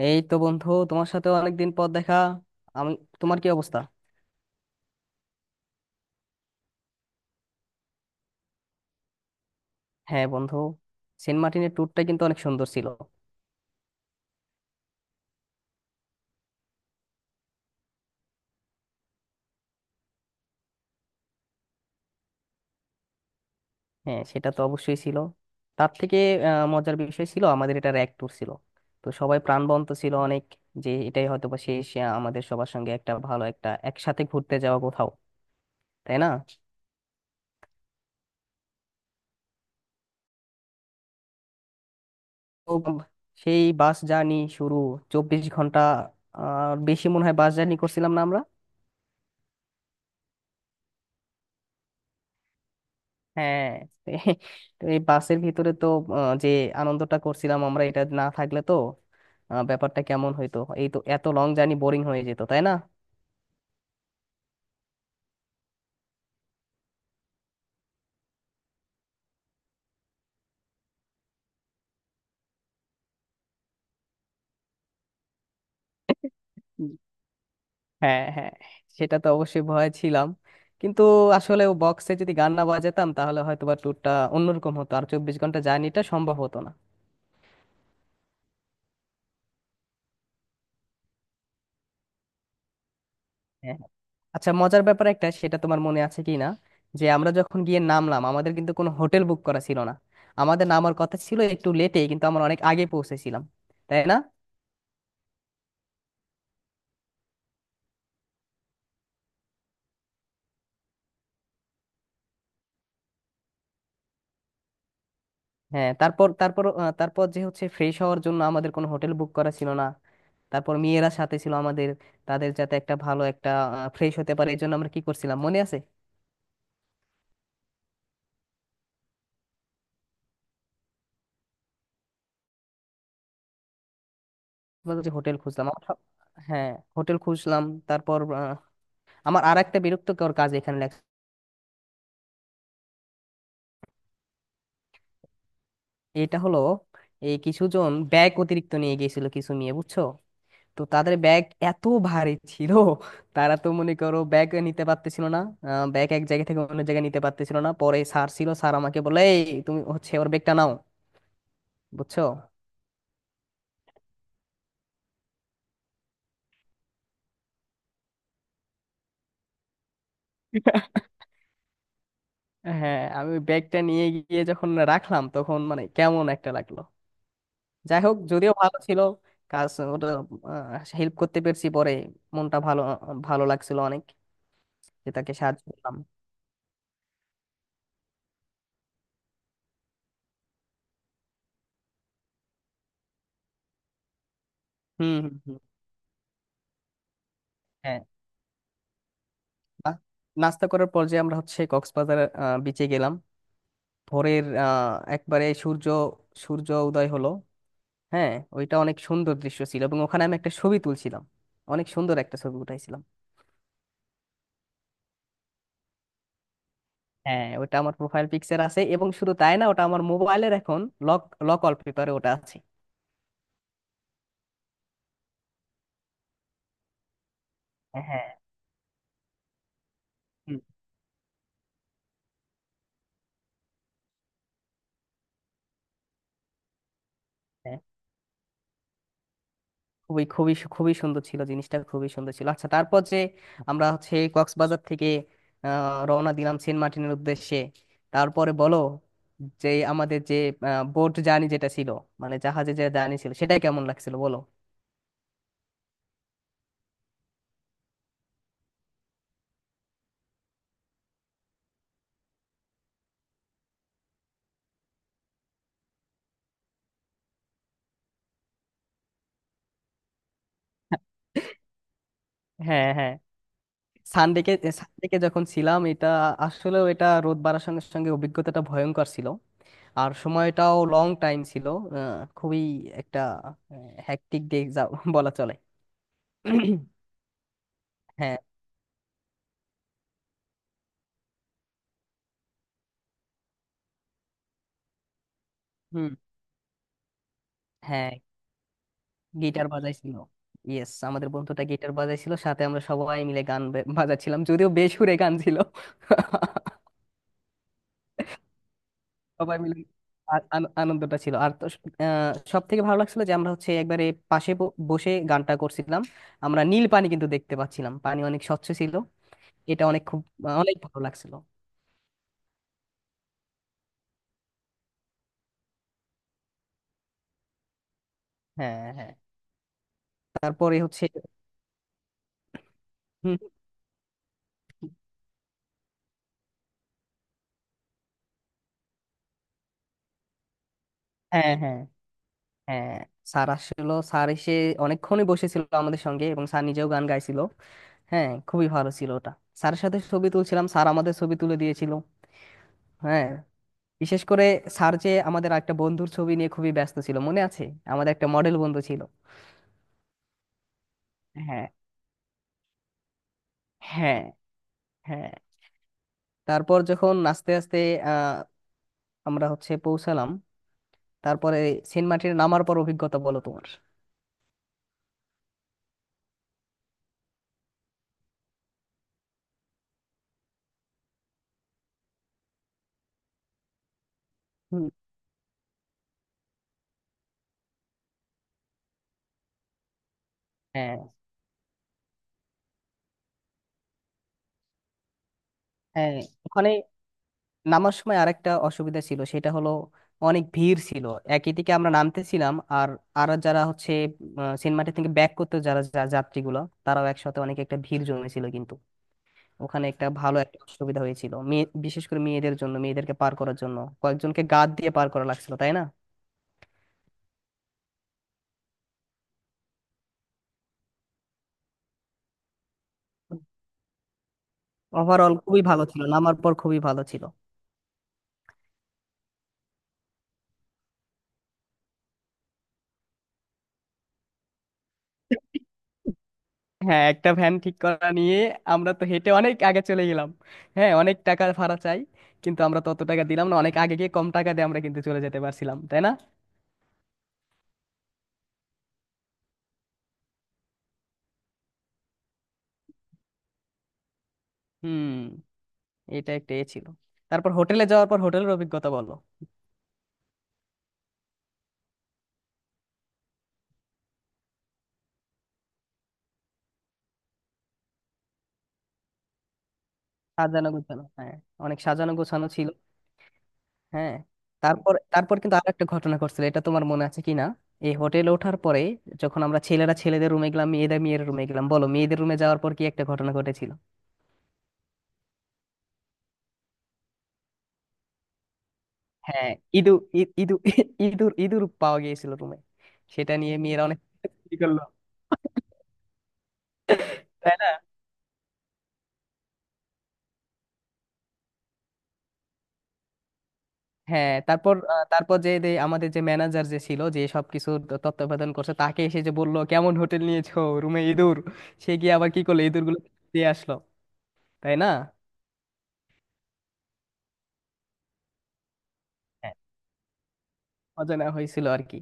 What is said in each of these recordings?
এই তো বন্ধু, তোমার সাথে অনেকদিন পর দেখা। আমি, তোমার কি অবস্থা? হ্যাঁ বন্ধু, সেন্ট মার্টিনের ট্যুরটা কিন্তু অনেক সুন্দর ছিল। হ্যাঁ, সেটা তো অবশ্যই ছিল। তার থেকে মজার বিষয় ছিল আমাদের, এটা এক ট্যুর ছিল তো সবাই প্রাণবন্ত ছিল অনেক। যে এটাই হয়তো বা শেষ আমাদের সবার সঙ্গে একটা ভালো একটা একসাথে ঘুরতে যাওয়া কোথাও, তাই না? তো সেই বাস জার্নি শুরু। 24 ঘন্টা আর বেশি মনে হয় বাস জার্নি করছিলাম না আমরা। হ্যাঁ। এ- তো এই বাসের ভিতরে তো যে আনন্দটা করছিলাম আমরা, এটা না থাকলে তো ব্যাপারটা কেমন হইতো, এই তো এত লং জার্নি বোরিং হয়ে যেত, তাই না? হ্যাঁ হ্যাঁ, সেটা তো অবশ্যই ভয় ছিলাম, কিন্তু আসলে ও বক্সে যদি গান না বাজাতাম তাহলে হয়তো বা ট্যুরটা অন্যরকম হতো, আর 24 ঘন্টা জার্নিটা সম্ভব হতো না। হ্যাঁ। আচ্ছা, মজার ব্যাপার একটা, সেটা তোমার মনে আছে কি না যে আমরা যখন গিয়ে নামলাম আমাদের কিন্তু কোনো হোটেল বুক করা ছিল না। আমাদের নামার কথা ছিল একটু লেটে, কিন্তু আমরা অনেক আগে পৌঁছেছিলাম, তাই না? হ্যাঁ, তারপর তারপর তারপর যে হচ্ছে ফ্রেশ হওয়ার জন্য আমাদের কোনো হোটেল বুক করা ছিল না। তারপর মেয়েরা সাথে ছিল আমাদের, তাদের যাতে একটা ভালো একটা ফ্রেশ হতে পারে, এই জন্য আমরা কি করছিলাম মনে আছে? বলতে যে হোটেল খুঁজলাম আমার হ্যাঁ, হোটেল খুঁজলাম। তারপর আমার আর একটা বিরক্তকর কাজ এখানে লেখা। এটা হলো, এই কিছুজন ব্যাগ অতিরিক্ত নিয়ে গিয়েছিল কিছু নিয়ে, বুঝছো? তো তাদের ব্যাগ এত ভারী ছিল তারা তো মনে করো ব্যাগ নিতে পারতেছিল না, ব্যাগ এক জায়গা থেকে অন্য জায়গায় নিতে পারতেছিল না। পরে স্যার ছিল, স্যার আমাকে বলে, "এই, তুমি হচ্ছে ওর ব্যাগটা নাও।" বুঝছো? হ্যাঁ, আমি ওই ব্যাগটা নিয়ে গিয়ে যখন রাখলাম তখন মানে কেমন একটা লাগলো। যাই হোক, যদিও ভালো ছিল কাজ ওটা, হেল্প করতে পেরেছি পরে, মনটা ভালো, ভালো লাগছিল অনেক যে তাকে সাহায্য করলাম। হুম হুম হুম, হ্যাঁ। বা- নাস্তা করার পর যে আমরা হচ্ছে কক্সবাজার বিচে গেলাম, ভোরের একবারে সূর্য সূর্য উদয় হলো। হ্যাঁ, ওইটা অনেক সুন্দর দৃশ্য ছিল, এবং ওখানে আমি একটা ছবি তুলছিলাম, অনেক সুন্দর একটা ছবি উঠাইছিলাম। হ্যাঁ, ওটা আমার প্রোফাইল পিকচার আছে, এবং শুধু তাই না, ওটা আমার মোবাইলের এখন লক লক ওয়ালপেপারে ওটা আছে। হ্যাঁ। হুম, হ্যাঁ, খুবই খুবই সু- খুবই সুন্দর ছিল জিনিসটা, খুবই সুন্দর ছিল। আচ্ছা, তারপর যে আমরা হচ্ছে কক্সবাজার থেকে রওনা দিলাম সেন্ট মার্টিনের উদ্দেশ্যে। তারপরে বলো যে আমাদের যে বোট জার্নি যেটা ছিল, মানে জাহাজে যে জার্নি ছিল, সেটা কেমন লাগছিল বলো। হ্যাঁ হ্যাঁ, সানডেকে, সানডেকে যখন ছিলাম, এটা আসলে এটা রোদ বাড়ার সঙ্গে সঙ্গে অভিজ্ঞতাটা ভয়ঙ্কর ছিল, আর সময়টাও লং টাইম ছিল। আহ, খুবই একটা হ্যাকটিক ডে যা বলা চলে। হ্যাঁ। হুম। হ্যাঁ, গিটার বাজাইছিল। ইয়েস, আমাদের বন্ধুটা গিটার বাজাইছিল, সাথে আমরা সবাই মিলে গান বাজাচ্ছিলাম, যদিও বেসুরে গান ছিল। সবাই মিলে আনন্দটা ছিল আর তো। সব থেকে ভালো লাগছিল যে আমরা হচ্ছে একবারে পাশে বসে গানটা করছিলাম, আমরা নীল পানি কিন্তু দেখতে পাচ্ছিলাম, পানি অনেক স্বচ্ছ ছিল। এটা অনেক খুব অনেক ভালো লাগছিল। হ্যাঁ হ্যাঁ, তারপরে হচ্ছে হুম, হ্যাঁ হ্যাঁ। হ্যাঁ, স্যার আসলো, স্যার এসে অনেকক্ষণই বসেছিল আমাদের সঙ্গে, এবং স্যার নিজেও গান গাইছিল। হ্যাঁ, খুবই ভালো ছিল ওটা। স্যারের সাথে ছবি তুলছিলাম, স্যার আমাদের ছবি তুলে দিয়েছিল। হ্যাঁ, বিশেষ করে স্যার যে আমাদের একটা বন্ধুর ছবি নিয়ে খুবই ব্যস্ত ছিল, মনে আছে? আমাদের একটা মডেল বন্ধু ছিল। হ্যাঁ হ্যাঁ। হ্যাঁ, তারপর যখন আস্তে আস্তে আহ আমরা হচ্ছে পৌঁছালাম, তারপরে সেন্ট মার্টিনে নামার পর অভিজ্ঞতা বলো তোমার। হুম, হ্যাঁ হ্যাঁ, ওখানে নামার সময় আরেকটা অসুবিধা ছিল, সেটা হলো অনেক ভিড় ছিল। একই দিকে আমরা নামতেছিলাম, আর আর যারা হচ্ছে সেন্ট মার্টিন থেকে ব্যাক করতে যারা যাত্রীগুলো, তারাও একসাথে অনেক একটা ভিড় জমেছিল, কিন্তু ওখানে একটা ভালো একটা অসুবিধা হয়েছিল মেয়ে, বিশেষ করে মেয়েদের জন্য, মেয়েদেরকে পার করার জন্য কয়েকজনকে গাদ দিয়ে পার করা লাগছিল, তাই না? ওভারঅল খুবই ভালো ছিল, নামার পর খুবই ভালো ছিল। হ্যাঁ, একটা ভ্যান ঠিক করা নিয়ে আমরা তো হেঁটে অনেক আগে চলে গেলাম। হ্যাঁ, অনেক টাকা ভাড়া চাই, কিন্তু আমরা তত টাকা দিলাম না, অনেক আগে গিয়ে কম টাকা দিয়ে আমরা কিন্তু চলে যেতে পারছিলাম, তাই না? হুম। এটা একটা এ ছিল। তারপর হোটেলে যাওয়ার পর হোটেলের অভিজ্ঞতা বলো। সাজানো গোছানো, হ্যাঁ, অনেক সাজানো গোছানো ছিল। হ্যাঁ, তারপর তারপর কিন্তু আর একটা ঘটনা ঘটছিল, এটা তোমার মনে আছে কিনা? এই হোটেলে ওঠার পরে যখন আমরা ছেলেরা ছেলেদের রুমে গেলাম, মেয়েরা মেয়েদের রুমে গেলাম, বলো মেয়েদের রুমে যাওয়ার পর কি একটা ঘটনা ঘটেছিল? হ্যাঁ, ইঁদুর, ইঁদুর ইঁদুর পাওয়া গিয়েছিল রুমে। সেটা নিয়ে মেয়েরা অনেক ই করলো, তাই না? হ্যাঁ, তারপর তারপর যে যে আমাদের যে ম্যানেজার যে ছিল যে সবকিছু তত্ত্বাবধান করছে, তাকে এসে যে বললো, কেমন হোটেল নিয়েছো, রুমে ইঁদুর! সে গিয়ে আবার কি করলো, ইঁদুর গুলো দিয়ে আসলো, তাই না? হ্যাঁ, অজানা হয়েছিল আর কি।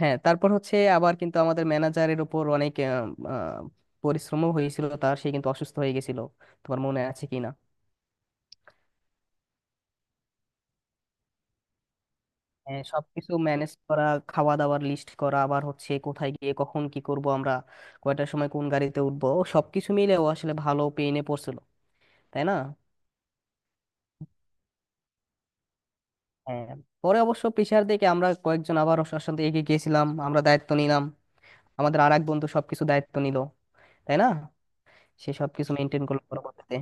হ্যাঁ, তারপর হচ্ছে আবার কিন্তু আমাদের ম্যানেজারের উপর অনেক আহ, আহ, পরিশ্রমও হয়েছিল তার, সে কিন্তু অসুস্থ হয়ে গেছিল, তোমার মনে আছে কিনা? হ্যাঁ, সবকিছু ম্যানেজ করা, খাওয়া দাওয়ার লিস্ট করা, আবার হচ্ছে কোথায় গিয়ে কখন কি করব আমরা, কয়টার সময় কোন গাড়িতে উঠবো, সবকিছু মিলে ও আসলে ভালো পেইনে পড়ছিল, তাই না? হ্যাঁ, পরে অবশ্য প্রেশার দেখে আমরা কয়েকজন আবার ওর সাথে এগিয়ে গিয়েছিলাম, আমরা দায়িত্ব নিলাম। আমাদের আর এক বন্ধু সবকিছু দায়িত্ব নিল, তাই না? সে সবকিছু মেনটেন করলো পরবর্তীতে।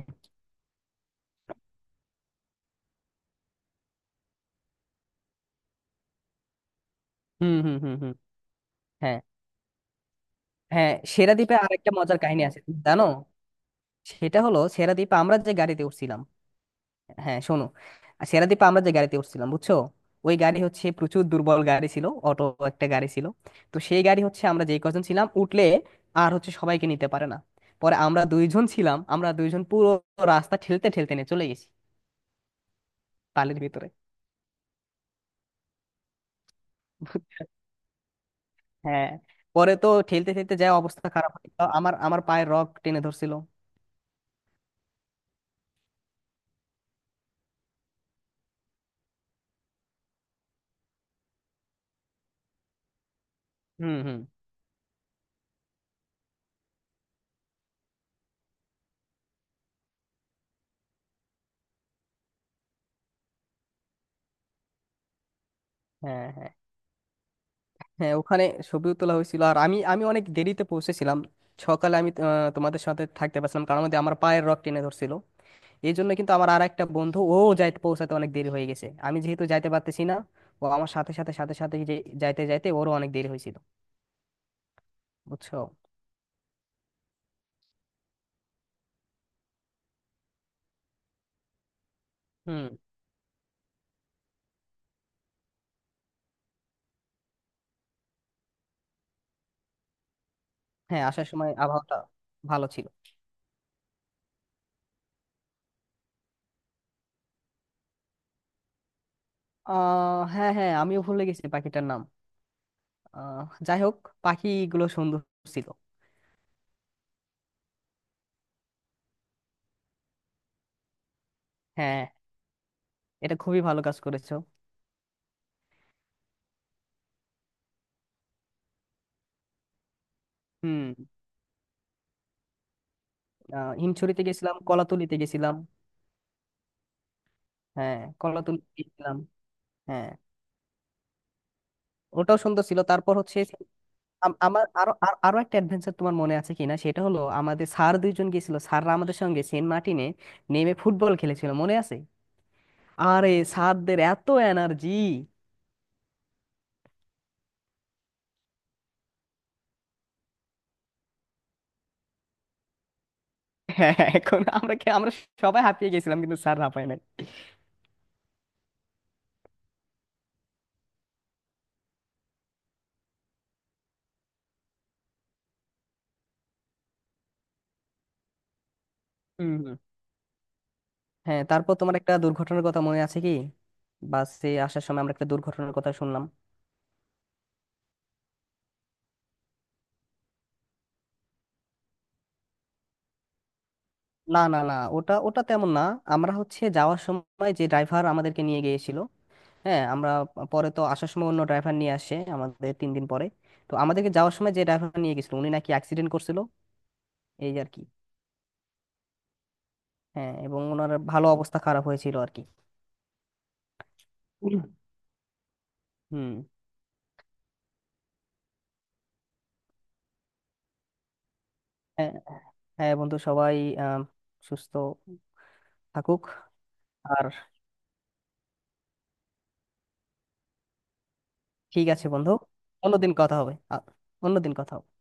হুম হুম হুম হুম হ্যাঁ হ্যাঁ, সেরাদ্বীপে আরেকটা মজার কাহিনী আছে, তুমি জানো? সেটা হলো সেরাদ্বীপে আমরা যে গাড়িতে উঠছিলাম, হ্যাঁ শোনো, আর সেরাদ্বীপে আমরা যে গাড়িতে উঠছিলাম, বুঝছো, ওই গাড়ি হচ্ছে প্রচুর দুর্বল গাড়ি ছিল, অটো একটা গাড়ি ছিল। তো সেই গাড়ি হচ্ছে আমরা যেই কজন ছিলাম উঠলে আর হচ্ছে সবাইকে নিতে পারে না। পরে আমরা 2 জন ছিলাম, আমরা দুইজন পুরো রাস্তা ঠেলতে ঠেলতে নিয়ে চলে গেছি বালির ভিতরে, বুঝছো? হ্যাঁ, পরে তো ঠেলতে ঠেলতে যা অবস্থা খারাপ হয়ে গেল, আমার আমার পায়ে রক টেনে ধরছিল। হুম হুম। হ্যাঁ হ্যাঁ। হ্যাঁ, ওখানে ছবিও তোলা হয়েছিল, আর আমি আমি অনেক দেরিতে পৌঁছেছিলাম। সকালে আমি তোমাদের সাথে থাকতে পারছিলাম, কারণ আমাদের আমার পায়ের রগ টেনে ধরছিল। এই জন্য কিন্তু আমার আর একটা বন্ধু ও যাইতে পৌঁছাতে অনেক দেরি হয়ে গেছে, আমি যেহেতু যাইতে পারতেছি না, ও আমার সাথে সাথে যে যাইতে যাইতে ওরও অনেক দেরি হয়েছিল, বুঝছো? হুম। হ্যাঁ, আসার সময় আবহাওয়াটা ভালো ছিল। হ্যাঁ হ্যাঁ, আমিও ভুলে গেছি পাখিটার নাম। আহ যাই হোক, পাখিগুলো সুন্দর ছিল। হ্যাঁ, এটা খুবই ভালো কাজ করেছো। হুম। হিমছড়িতে গেছিলাম, কলাতুলিতে গেছিলাম। হ্যাঁ, কলাতুলিতে গেছিলাম। হ্যাঁ, ওটাও সুন্দর ছিল। তারপর হচ্ছে আমার আরো আরো একটা অ্যাডভেঞ্চার তোমার মনে আছে কিনা, সেটা হলো আমাদের স্যার 2 জন গেছিল, স্যাররা আমাদের সঙ্গে সেন্ট মার্টিনে নেমে ফুটবল খেলেছিল, মনে আছে? আরে, স্যারদের এত এনার্জি! হ্যাঁ। এখন আমরা আমরা সবাই হাঁপিয়ে গেছিলাম কিন্তু স্যার হাঁপায় নাই। হুম হুম। হ্যাঁ, তারপর তোমার একটা দুর্ঘটনার কথা মনে আছে কি? বাসে আসার সময় আমরা একটা দুর্ঘটনার কথা শুনলাম। না না না, ওটা ওটা তেমন না। আমরা হচ্ছে যাওয়ার সময় যে ড্রাইভার আমাদেরকে নিয়ে গিয়েছিল, হ্যাঁ আমরা পরে তো আসার সময় অন্য ড্রাইভার নিয়ে আসে আমাদের 3 দিন পরে, তো আমাদেরকে যাওয়ার সময় যে ড্রাইভার নিয়ে গেছিল উনি নাকি অ্যাক্সিডেন্ট করছিল, এই আর কি। হ্যাঁ, এবং ওনার ভালো, অবস্থা খারাপ হয়েছিল আর কি। হুম। হ্যাঁ, হ্যাঁ বন্ধু, সবাই আহ, সুস্থ থাকুক। আর ঠিক আছে বন্ধু, অন্যদিন কথা হবে, অন্যদিন কথা হবে।